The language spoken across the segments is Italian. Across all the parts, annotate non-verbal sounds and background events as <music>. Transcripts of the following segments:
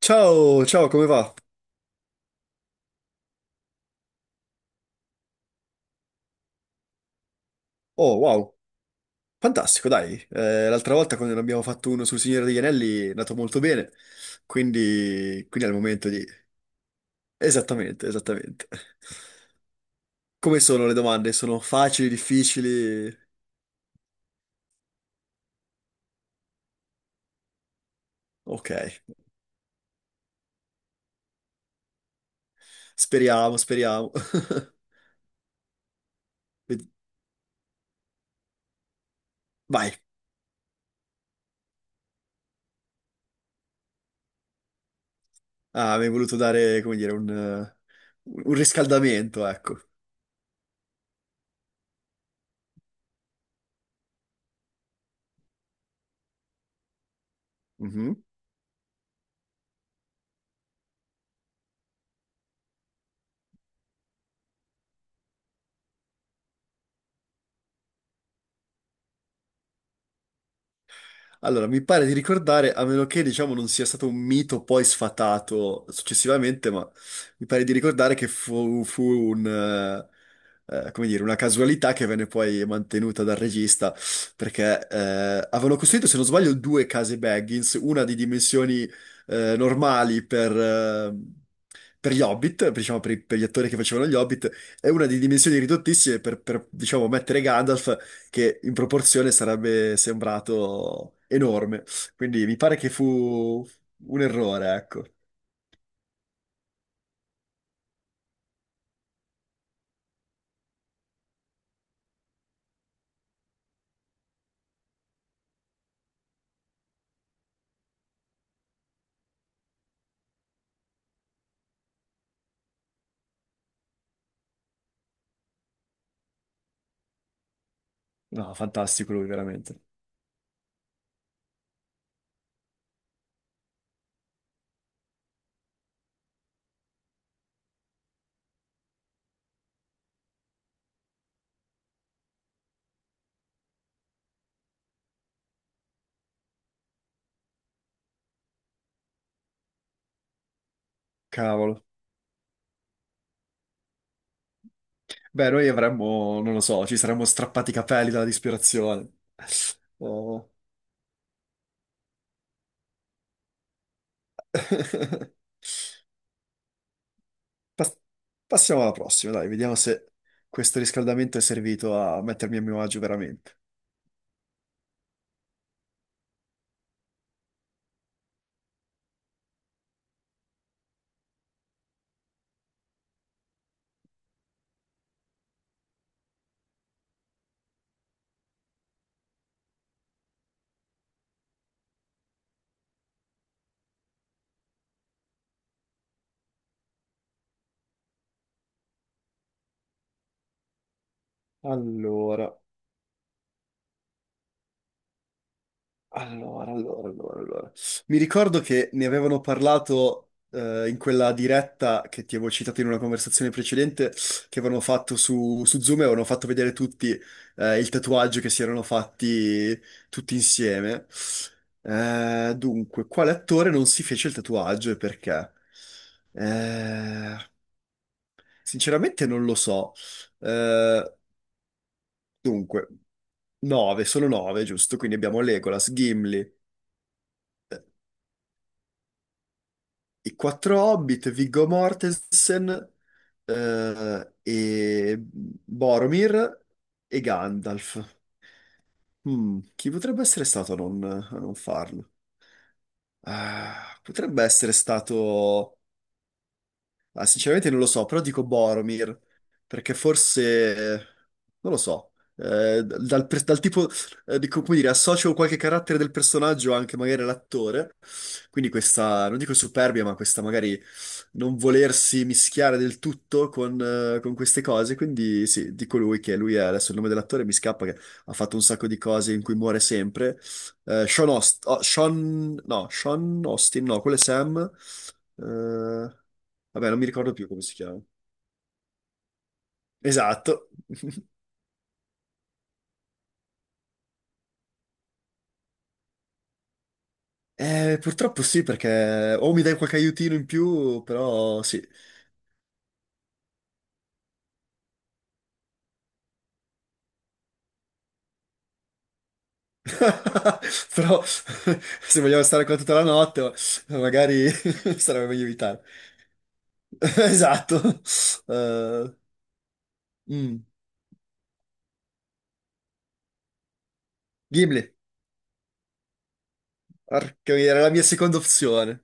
Ciao, ciao, come va? Oh, wow, fantastico, dai. L'altra volta quando ne abbiamo fatto uno sul Signore degli Anelli è andato molto bene, quindi è il momento di... Esattamente, esattamente. Come sono le domande? Sono facili, difficili? Ok, speriamo, speriamo. <laughs> Ved- Vai. Ah, mi hai voluto dare, come dire, un riscaldamento, ecco. Mhm. Allora, mi pare di ricordare, a meno che diciamo non sia stato un mito poi sfatato successivamente, ma mi pare di ricordare che fu come dire, una casualità che venne poi mantenuta dal regista, perché avevano costruito, se non sbaglio, due case Baggins, una di dimensioni normali per gli Hobbit, diciamo per gli attori che facevano gli Hobbit, e una di dimensioni ridottissime per diciamo, mettere Gandalf che in proporzione sarebbe sembrato enorme. Quindi mi pare che fu un errore, ecco. No, fantastico lui, veramente. Cavolo. Beh, noi avremmo, non lo so, ci saremmo strappati i capelli dalla disperazione. Oh. <laughs> Pas- Passiamo alla prossima, dai, vediamo se questo riscaldamento è servito a mettermi a mio agio veramente. Allora. Allora, allora, allora, allora. Mi ricordo che ne avevano parlato in quella diretta che ti avevo citato in una conversazione precedente, che avevano fatto su Zoom e avevano fatto vedere tutti il tatuaggio che si erano fatti tutti insieme. Dunque, quale attore non si fece il tatuaggio e perché? Eh, Sinceramente non lo so. Eh, Dunque, 9, sono 9, giusto? Quindi abbiamo Legolas, Gimli. eh, I quattro Hobbit, Viggo Mortensen, e Boromir e Gandalf. Hmm, chi potrebbe essere stato a non farlo? Ah, potrebbe essere stato. Ah, sinceramente non lo so, però dico Boromir, perché forse, non lo so, dal tipo, dico, come dire, associo qualche carattere del personaggio anche magari all'attore, quindi questa, non dico superbia, ma questa magari non volersi mischiare del tutto con queste cose, quindi sì, dico lui che lui è, adesso il nome dell'attore mi scappa, che ha fatto un sacco di cose in cui muore sempre, Sean Austin, no, quello è Sam... eh, Vabbè, non mi ricordo più come si chiama. Esatto. <laughs> Purtroppo sì, perché o mi dai qualche aiutino in più, però sì. <laughs> Però <laughs> se vogliamo stare qua tutta la notte, magari <laughs> sarebbe meglio evitare. <laughs> Esatto. Eh, mm. Ghibli. Porca miseria, era la mia seconda opzione.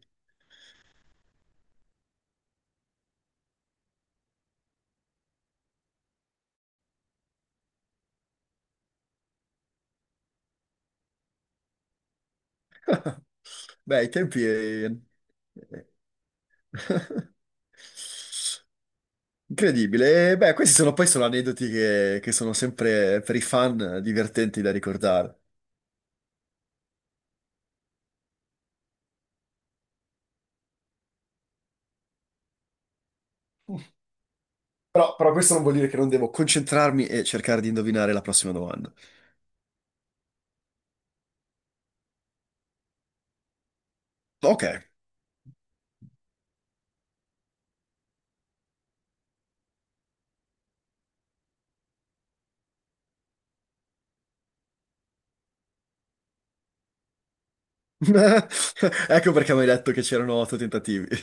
<laughs> Beh, i tempi... <laughs> Incredibile. E, beh, questi sono poi sono aneddoti che sono sempre per i fan divertenti da ricordare. Però, questo non vuol dire che non devo concentrarmi e cercare di indovinare la prossima domanda. Ok. <laughs> Ecco perché mi hai detto che c'erano otto tentativi. <laughs>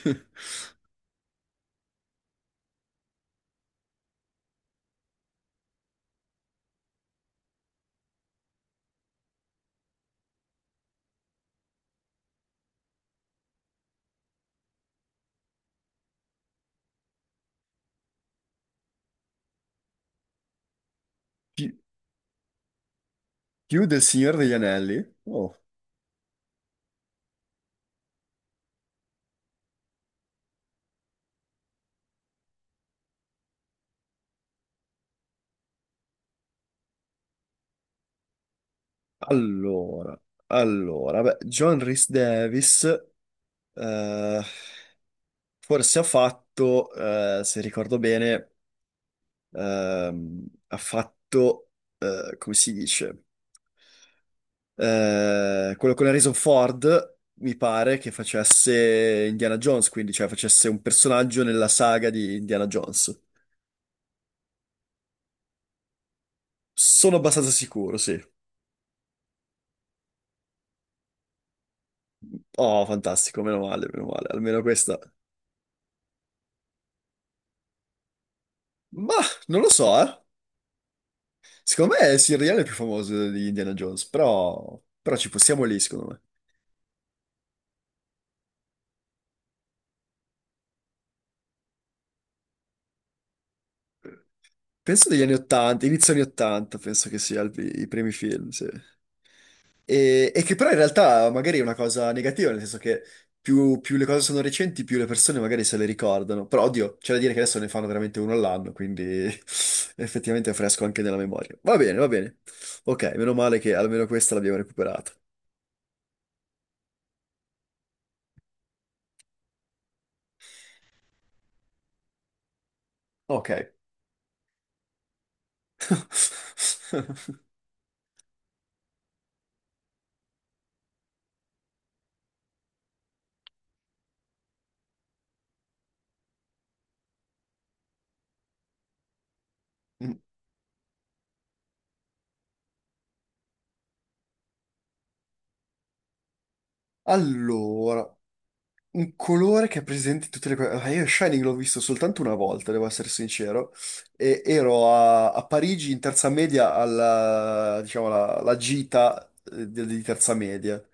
Pi- Più del Signore degli Anelli. Oh. Allora, allora, beh, John Rhys Davis eh, forse ha fatto, se ricordo bene. Ha fatto, come si dice, quello con Harrison Ford, mi pare che facesse Indiana Jones, quindi cioè facesse un personaggio nella saga di Indiana Jones. Sono abbastanza sicuro, sì. Oh, fantastico, meno male, almeno questa. Ma non lo so, eh. Secondo me Silrian è più famoso di Indiana Jones, però, ci possiamo lì, secondo me. Penso degli anni 80, inizio anni 80, penso che sia i primi film, sì. E che però in realtà magari è una cosa negativa, nel senso che più le cose sono recenti, più le persone magari se le ricordano. Però oddio, c'è da dire che adesso ne fanno veramente uno all'anno, quindi <laughs> effettivamente è fresco anche nella memoria. Va bene, va bene. Ok, meno male che almeno questa l'abbiamo recuperata. Ok. <laughs> Allora, un colore che è presente in tutte le cose. Ah, io Shining l'ho visto soltanto una volta, devo essere sincero. E ero a Parigi in terza media alla, diciamo, alla gita di terza media,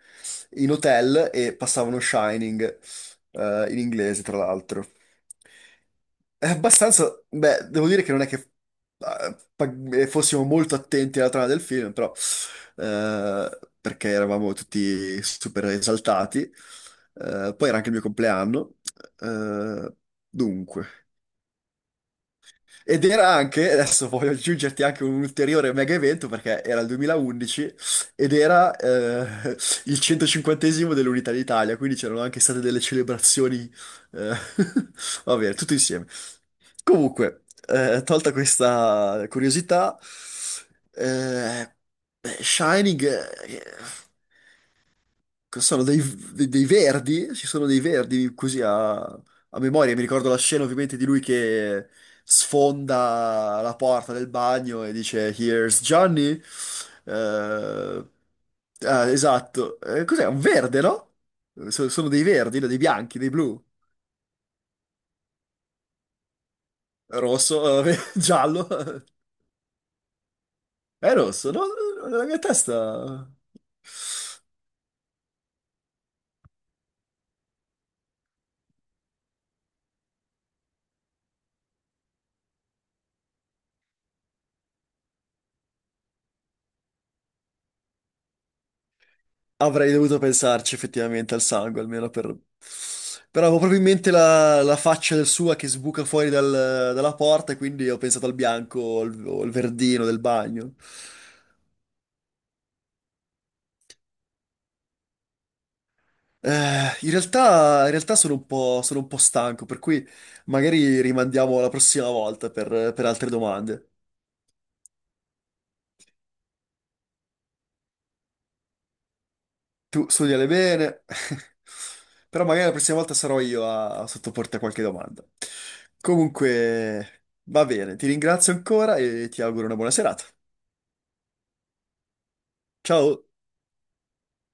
in hotel e passavano Shining, in inglese, tra l'altro. È abbastanza, beh, devo dire che non è che fossimo molto attenti alla trama del film, però, perché eravamo tutti super esaltati. Poi era anche il mio compleanno. Eh, Dunque, adesso voglio aggiungerti anche un ulteriore mega evento perché era il 2011 ed era il 150esimo dell'Unità d'Italia, quindi c'erano anche state delle celebrazioni, eh, <laughs> va bene, tutto insieme. Comunque, tolta questa curiosità, eh, beh, Shining, cosa sono dei verdi, ci sono dei verdi così a memoria, mi ricordo la scena ovviamente di lui che sfonda la porta del bagno e dice Here's Johnny. Eh, ah, esatto. Cos'è? Un verde, no? Sono dei verdi, no? Dei bianchi, dei blu, rosso, <laughs> giallo. È rosso, no? Nella mia testa avrei dovuto pensarci effettivamente al sangue, almeno per... Però avevo proprio in mente la faccia del sua che sbuca fuori dalla porta, e quindi ho pensato al bianco o al verdino del bagno. In realtà, sono un po' stanco, per cui magari rimandiamo alla prossima volta per altre domande. Tu studiale bene, <laughs> però magari la prossima volta sarò io a sottoporti a qualche domanda. Comunque, va bene, ti ringrazio ancora e ti auguro una buona serata. Ciao!